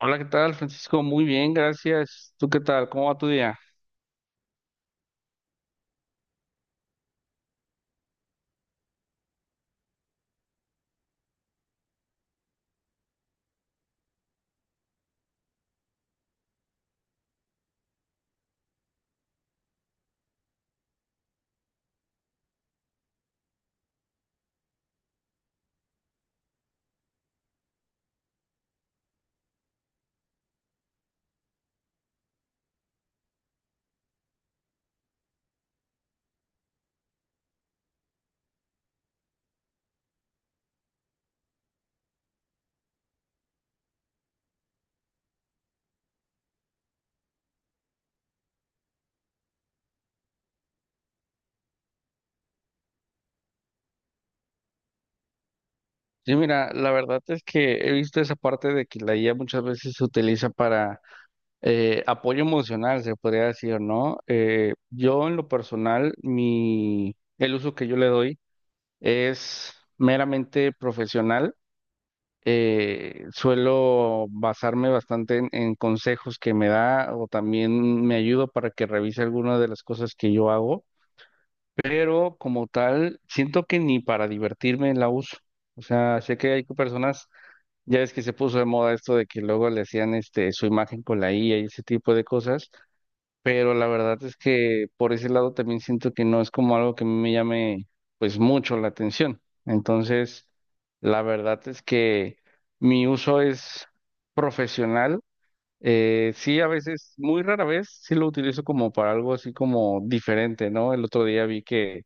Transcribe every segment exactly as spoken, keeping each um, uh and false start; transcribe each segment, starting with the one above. Hola, ¿qué tal, Francisco? Muy bien, gracias. ¿Tú qué tal? ¿Cómo va tu día? Sí, mira, la verdad es que he visto esa parte de que la I A muchas veces se utiliza para eh, apoyo emocional, se podría decir, ¿no? Eh, yo en lo personal, mi, el uso que yo le doy es meramente profesional. Eh, suelo basarme bastante en, en consejos que me da o también me ayuda para que revise algunas de las cosas que yo hago. Pero como tal, siento que ni para divertirme la uso. O sea, sé que hay personas, ya es que se puso de moda esto de que luego le hacían este su imagen con la I A y ese tipo de cosas, pero la verdad es que por ese lado también siento que no es como algo que me llame pues mucho la atención. Entonces, la verdad es que mi uso es profesional. Eh, sí, a veces, muy rara vez, sí lo utilizo como para algo así como diferente, ¿no? El otro día vi que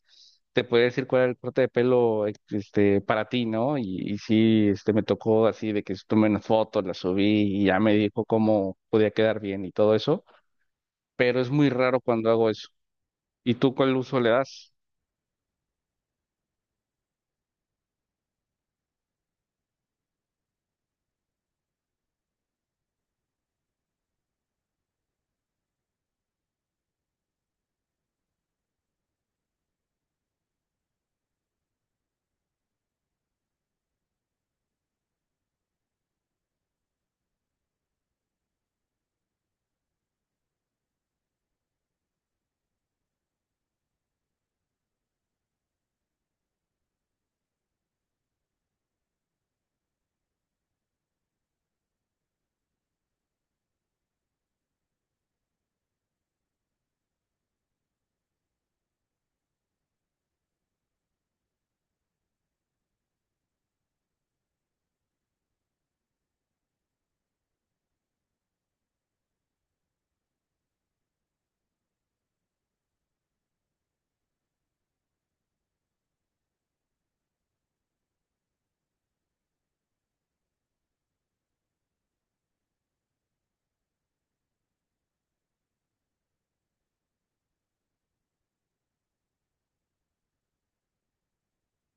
te puede decir cuál es el corte de pelo ex- este, para ti, ¿no? Y, y sí, este, me tocó así de que tomé una foto, la subí y ya me dijo cómo podía quedar bien y todo eso, pero es muy raro cuando hago eso. ¿Y tú cuál uso le das?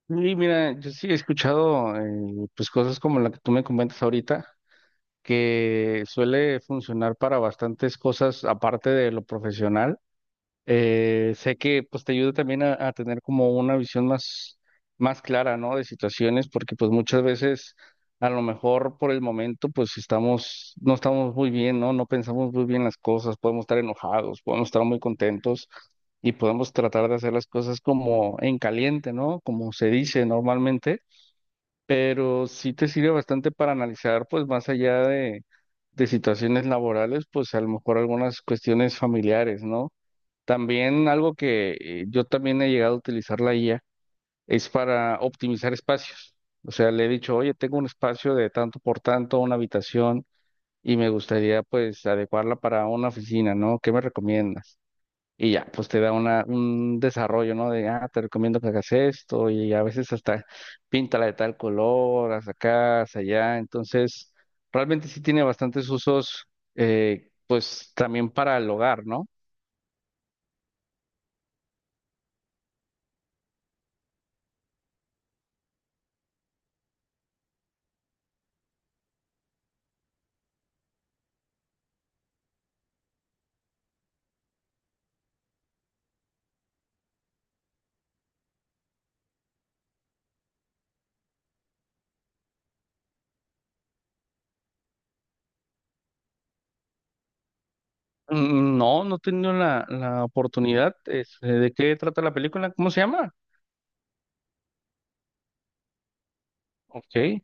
Y mira, yo sí he escuchado eh, pues cosas como la que tú me comentas ahorita, que suele funcionar para bastantes cosas aparte de lo profesional. Eh, sé que pues te ayuda también a, a tener como una visión más, más clara, ¿no? De situaciones, porque pues muchas veces a lo mejor por el momento pues estamos, no estamos muy bien, ¿no? No pensamos muy bien las cosas, podemos estar enojados, podemos estar muy contentos y podemos tratar de hacer las cosas como en caliente, ¿no? Como se dice normalmente, pero sí te sirve bastante para analizar pues más allá de, de situaciones laborales, pues a lo mejor algunas cuestiones familiares, ¿no? También algo que eh, yo también he llegado a utilizar la I A es para optimizar espacios. O sea, le he dicho, oye, tengo un espacio de tanto por tanto, una habitación, y me gustaría pues adecuarla para una oficina, ¿no? ¿Qué me recomiendas? Y ya, pues te da una, un desarrollo, ¿no? De, ah, te recomiendo que hagas esto, y a veces hasta píntala de tal color, haz acá, haz allá. Entonces, realmente sí tiene bastantes usos, eh, pues también para el hogar, ¿no? Mm, no, no he tenido la, la oportunidad. Este, ¿de qué trata la película? ¿Cómo se llama? Ok.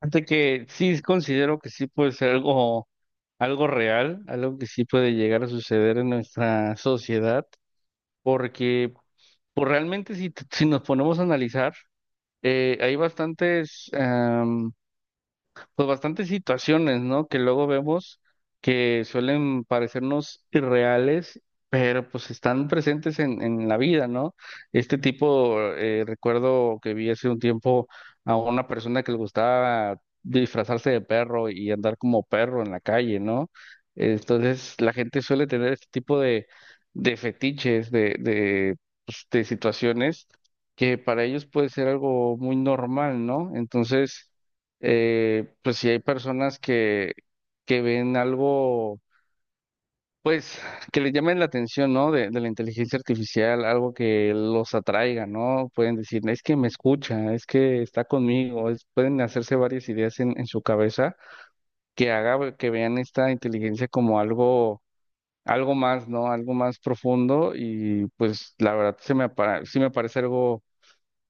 Fíjate que sí considero que sí puede ser algo, algo real, algo que sí puede llegar a suceder en nuestra sociedad, porque pues, realmente si, t- si nos ponemos a analizar, eh, hay bastantes pues bastantes situaciones, ¿no? Que luego vemos que suelen parecernos irreales, pero pues están presentes en, en la vida, ¿no? Este tipo, eh, recuerdo que vi hace un tiempo a una persona que le gustaba disfrazarse de perro y andar como perro en la calle, ¿no? Entonces la gente suele tener este tipo de, de fetiches, de, de, pues, de situaciones que para ellos puede ser algo muy normal, ¿no? Entonces eh, pues si hay personas que, que ven algo, pues que les llamen la atención, ¿no? De, de la inteligencia artificial, algo que los atraiga, ¿no? Pueden decir, es que me escucha, es que está conmigo, es- pueden hacerse varias ideas en, en su cabeza que haga que vean esta inteligencia como algo, algo más, ¿no? Algo más profundo y pues la verdad se me, apara- sí me parece algo...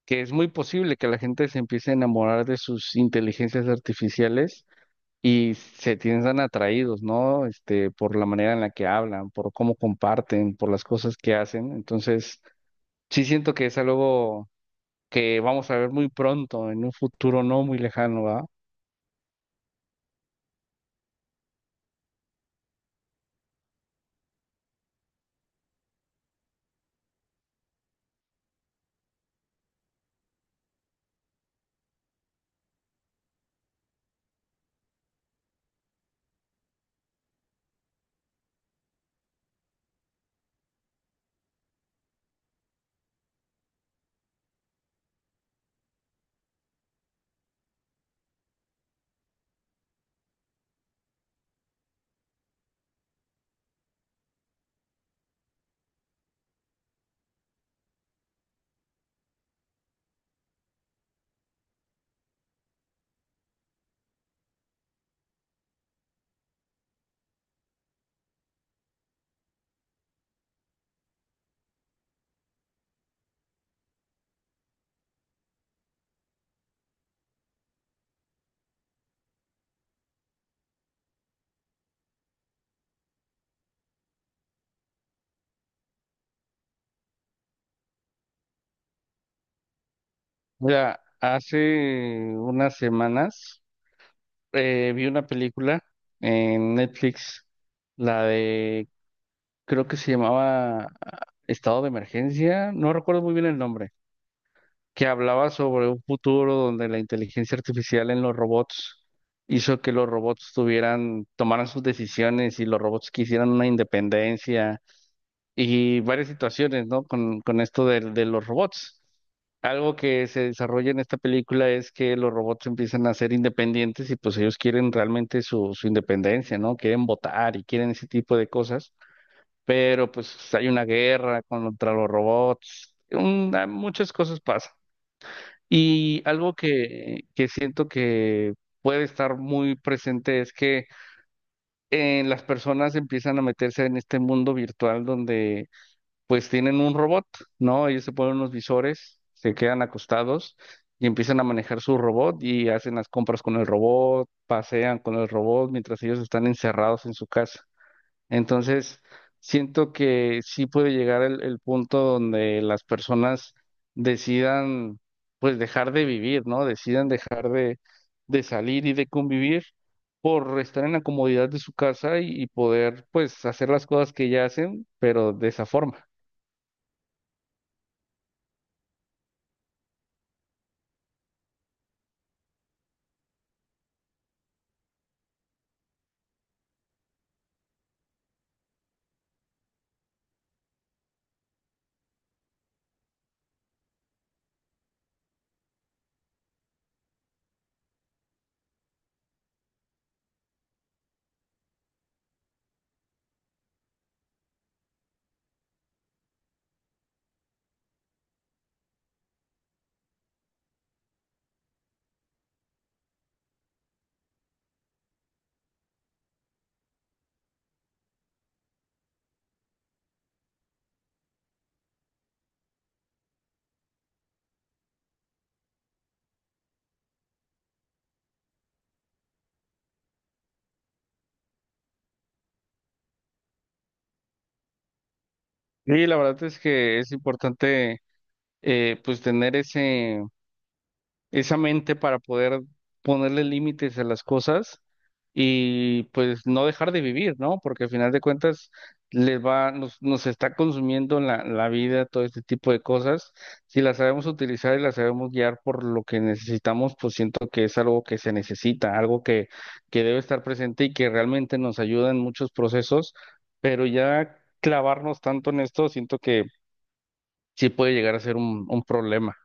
que es muy posible que la gente se empiece a enamorar de sus inteligencias artificiales y se piensan atraídos, ¿no? Este, por la manera en la que hablan, por cómo comparten, por las cosas que hacen. Entonces, sí siento que es algo que vamos a ver muy pronto, en un futuro no muy lejano, ¿va? Mira, hace unas semanas eh, vi una película en Netflix, la de, creo que se llamaba ah, Estado de Emergencia, no recuerdo muy bien el nombre, que hablaba sobre un futuro donde la inteligencia artificial en los robots hizo que los robots tuvieran, tomaran sus decisiones y los robots quisieran una independencia y varias situaciones, ¿no? Con, con esto del- de, los robots. Algo que se desarrolla en esta película es que los robots empiezan a ser independientes y pues ellos quieren realmente su, su independencia, ¿no? Quieren votar y quieren ese tipo de cosas, pero pues hay una guerra contra los robots, un- muchas cosas pasan. Y algo que, que siento que puede estar muy presente es que eh, las personas empiezan a meterse en este mundo virtual donde pues tienen un robot, ¿no? Ellos se ponen unos visores, se quedan acostados y empiezan a manejar su robot y hacen las compras con el robot, pasean con el robot mientras ellos están encerrados en su casa. Entonces, siento que sí puede llegar el, el punto donde las personas decidan, pues, dejar de vivir, ¿no? Decidan dejar de, de salir y de convivir por estar en la comodidad de su casa y, y poder, pues, hacer las cosas que ya hacen, pero de esa forma. Y la verdad es que es importante, eh, pues, tener ese... esa mente para poder ponerle límites a las cosas y pues no dejar de vivir, ¿no? Porque al final de cuentas les va, nos, nos está consumiendo la, la vida, todo este tipo de cosas. Si las sabemos utilizar y las sabemos guiar por lo que necesitamos, pues siento que es algo que se necesita, algo que, que debe estar presente y que realmente nos ayuda en muchos procesos, pero ya clavarnos tanto en esto, siento que sí puede llegar a ser un un problema.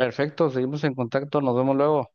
Perfecto, seguimos en contacto, nos vemos luego.